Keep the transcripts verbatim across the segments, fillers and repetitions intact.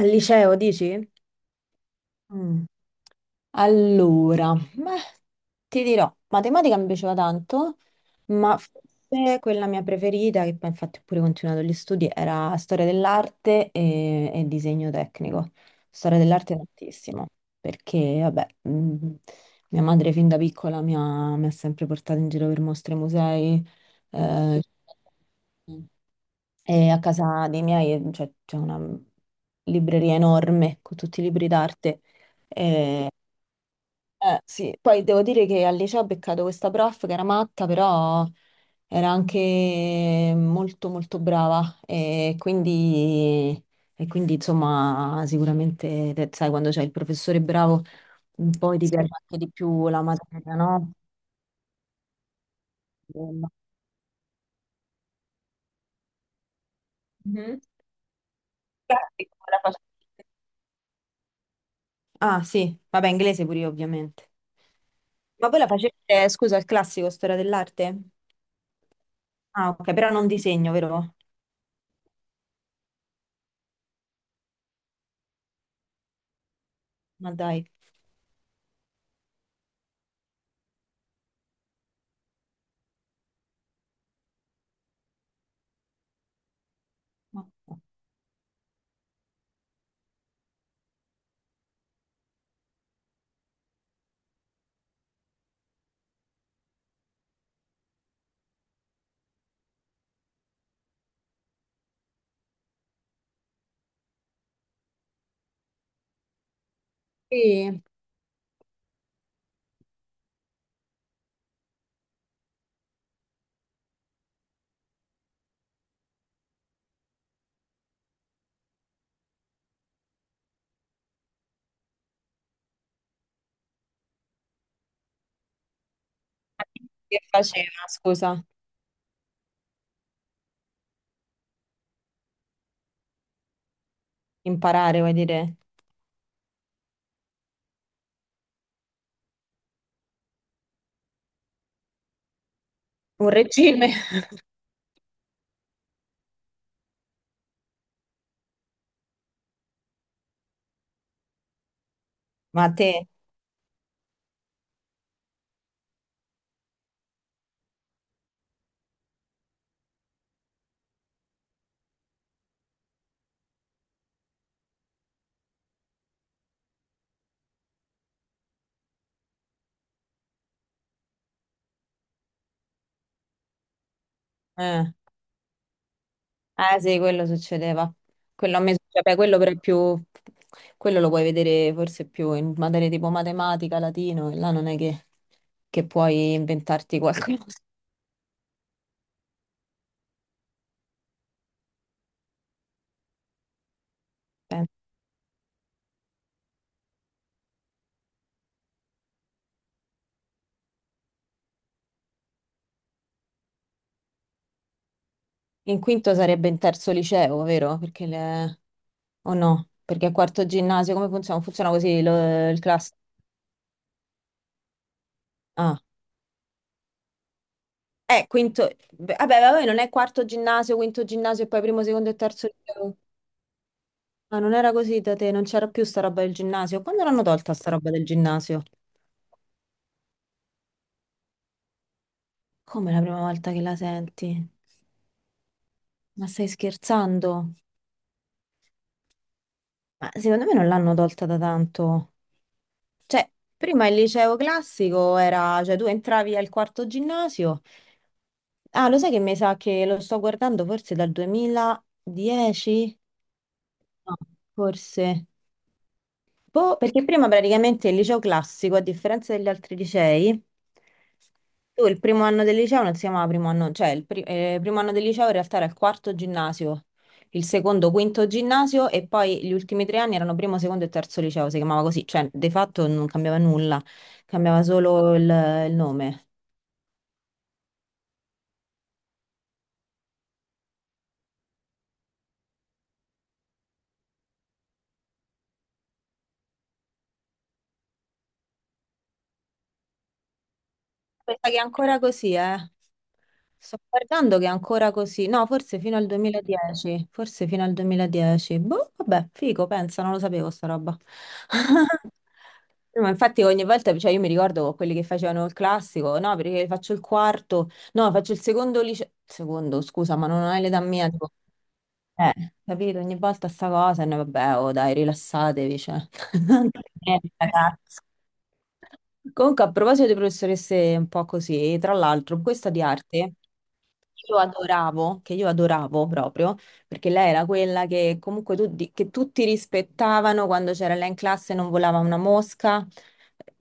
Al liceo, dici? Mm. Allora, beh, ti dirò, matematica mi piaceva tanto, ma forse quella mia preferita, che poi infatti ho pure continuato gli studi, era storia dell'arte e, e disegno tecnico. Storia dell'arte tantissimo, perché vabbè, mm, mia madre fin da piccola mi ha, mi ha sempre portato in giro per mostre e musei. eh, e a casa dei miei, cioè, c'è una libreria enorme con tutti i libri d'arte. Eh, sì. Poi devo dire che al liceo ho beccato questa prof che era matta, però era anche molto molto brava, e quindi, e quindi insomma sicuramente te- sai, quando c'è il professore bravo poi ti piace, sì, anche di più la materia, no? Mhm. Mhm. Grazie, come la faccio? Ah sì, vabbè, inglese pure io ovviamente. Ma voi la facete, scusa, il classico, storia dell'arte? Ah, ok, però non disegno, vero? Ma dai. Ok. Sì. Che faceva, scusa? Imparare, vuoi dire? Un regime. Ma a te? Eh. Ah, sì, quello succedeva. Quello a me succede, beh, quello però è più... Quello lo puoi vedere forse più in materie tipo matematica, latino, e là non è che, che puoi inventarti qualcosa. Eh. In quinto sarebbe in terzo liceo, vero? Perché le... O no? Perché a quarto ginnasio come funziona? Funziona così, lo- il classico? Ah, eh, quinto... beh, vabbè, vabbè, non è quarto ginnasio, quinto ginnasio e poi primo, secondo e terzo liceo. Ah, non era così da te, non c'era più sta roba del ginnasio. Quando l'hanno tolta sta roba del ginnasio? Come, la prima volta che la senti? Ma stai scherzando? Ma secondo me non l'hanno tolta da tanto. Cioè, prima il liceo classico era... Cioè, tu entravi al quarto ginnasio... Ah, lo sai che mi sa che lo sto guardando forse dal duemiladieci? No, forse. Boh, perché prima praticamente il liceo classico, a differenza degli altri licei, tu il primo anno del liceo non si chiamava primo anno, cioè il pri- eh, primo anno del liceo in realtà era il quarto ginnasio, il secondo, quinto ginnasio, e poi gli ultimi tre anni erano primo, secondo e terzo liceo, si chiamava così, cioè di fatto non cambiava nulla, cambiava solo il il nome. Pensa che è ancora così, eh. Sto guardando che è ancora così. No, forse fino al duemiladieci, forse fino al duemiladieci. Boh, vabbè, figo, pensa, non lo sapevo sta roba. No, ma infatti ogni volta, cioè io mi ricordo quelli che facevano il classico, no, perché faccio il quarto, no, faccio il secondo liceo, secondo, scusa, ma non hai l'età mia, tipo, eh, capito, ogni volta sta cosa, e noi vabbè, oh dai, rilassatevi, cioè, non c'è niente, ragazzi. Comunque, a proposito di professoresse un po' così, tra l'altro, questa di arte io adoravo, che io adoravo proprio, perché lei era quella che comunque tutti, che tutti rispettavano quando c'era lei in classe, non volava una mosca,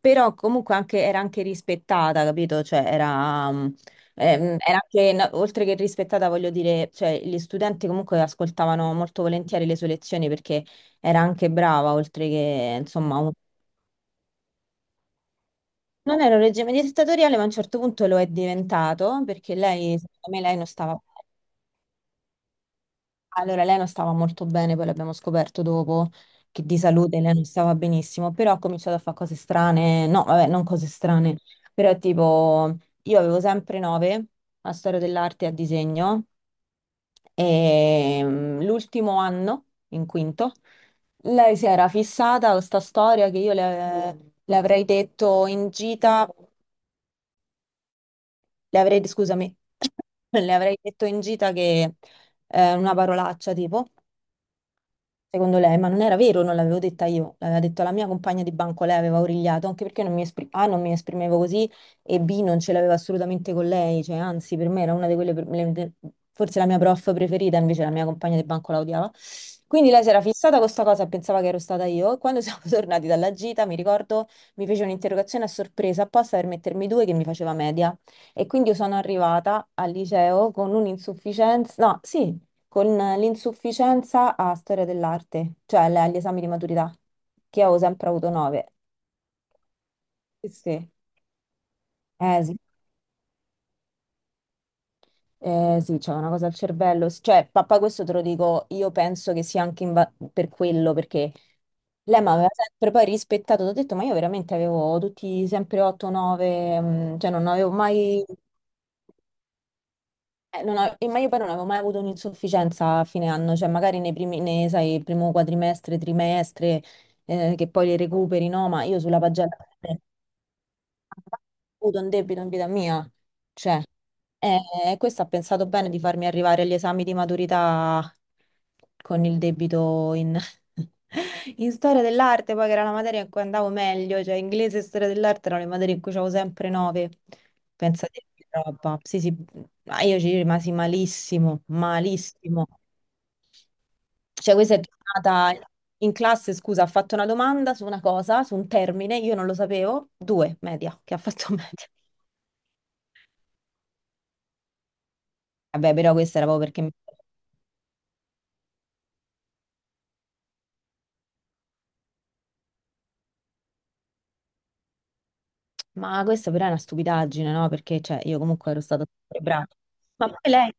però comunque anche- era anche rispettata, capito? Cioè era, mm, ehm, era anche, no, oltre che rispettata, voglio dire, cioè gli studenti comunque ascoltavano molto volentieri le sue lezioni perché era anche brava, oltre che, insomma, non era un regime dittatoriale, ma a un certo punto lo è diventato, perché lei, secondo me, lei non stava... Allora, lei non stava molto bene, poi l'abbiamo scoperto dopo, che di salute lei non stava benissimo, però ha cominciato a fare cose strane, no, vabbè, non cose strane, però tipo, io avevo sempre nove a storia dell'arte e a disegno, e mm, l'ultimo anno, in quinto, lei si era fissata a questa storia che io le, le avrei detto in gita le avrei, scusami, le avrei detto in gita che eh, una parolaccia tipo, secondo lei, ma non era vero, non l'avevo detta io, l'aveva detto la mia compagna di banco, lei aveva origliato, anche perché non mi esprim- A, non mi esprimevo così, e B, non ce l'avevo assolutamente con lei, cioè anzi per me era una di quelle, pre- le- de- forse la mia prof preferita, invece la mia compagna di banco la odiava. Quindi lei si era fissata con questa cosa e pensava che ero stata io, e quando siamo tornati dalla gita, mi ricordo, mi fece un'interrogazione a sorpresa apposta per mettermi due che mi faceva media. E quindi io sono arrivata al liceo con un'insufficienza, no, sì, con l'insufficienza a storia dell'arte, cioè le- agli esami di maturità, che avevo sempre avuto nove. Sì, sì. Eh sì, eh, sì, c'è una cosa al cervello. S- Cioè, papà, questo te lo dico, io penso che sia anche in va- per quello, perché lei mi aveva sempre poi rispettato, ti ho detto, ma io veramente avevo tutti sempre otto e nove, cioè non avevo mai... Eh, non ho- eh, ma io poi non avevo mai avuto un'insufficienza a fine anno, cioè magari nei primi, nei, sai, primo quadrimestre, trimestre, eh, che poi le recuperi, no? Ma io sulla pagella avuto un debito in vita mia. Cioè, eh, questo ha pensato bene di farmi arrivare agli esami di maturità con il debito in, in storia dell'arte, poi che era la materia in cui andavo meglio, cioè inglese e storia dell'arte erano le materie in cui avevo sempre nove. Pensate che roba. Sì, sì, ma io ci rimasi malissimo, malissimo. Cioè, questa è tornata in classe, scusa, ha fatto una domanda su una cosa, su un termine, io non lo sapevo, due, media, che ha fatto media. Vabbè, però questa era proprio perché... mi- Ma questa però è una stupidaggine, no? Perché, cioè, io comunque ero stata sempre brava. Ma poi lei...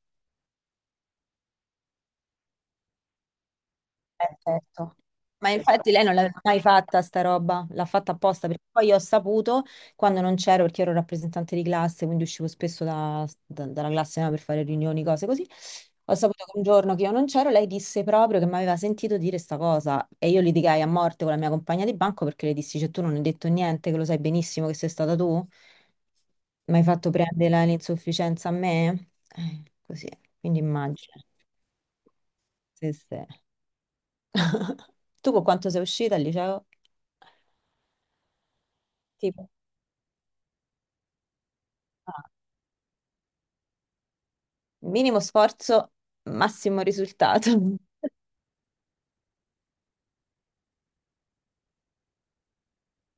Eh, certo. Ma infatti lei non l'aveva mai fatta sta roba, l'ha fatta apposta, perché poi io ho saputo quando non c'ero, perché ero rappresentante di classe, quindi uscivo spesso da- da- dalla classe, no, per fare riunioni, cose così. Ho saputo che un giorno che io non c'ero, lei disse proprio che mi aveva sentito dire sta cosa, e io litigai a morte con la mia compagna di banco perché le dissi, cioè tu non hai detto niente, che lo sai benissimo che sei stata tu, mi hai fatto prendere la- l'insufficienza a me? Eh, così, quindi immagino. Sì, sì. Tu con quanto sei uscita al liceo? Tipo, ah, minimo sforzo, massimo risultato.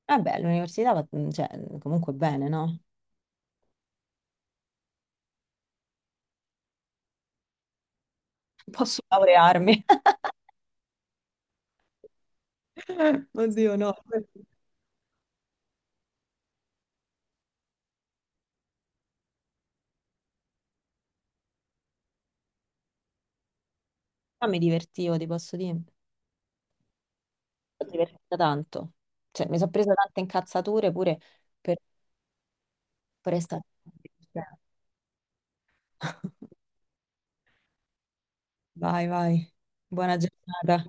Vabbè, all'università va, mm, cioè, mm, comunque bene, no? Posso laurearmi. Oddio, no. Ma mi divertivo, ti posso dire. Mi sono divertita tanto. Cioè, mi sono presa tante incazzature pure per, per estate. Vai, vai. Buona giornata.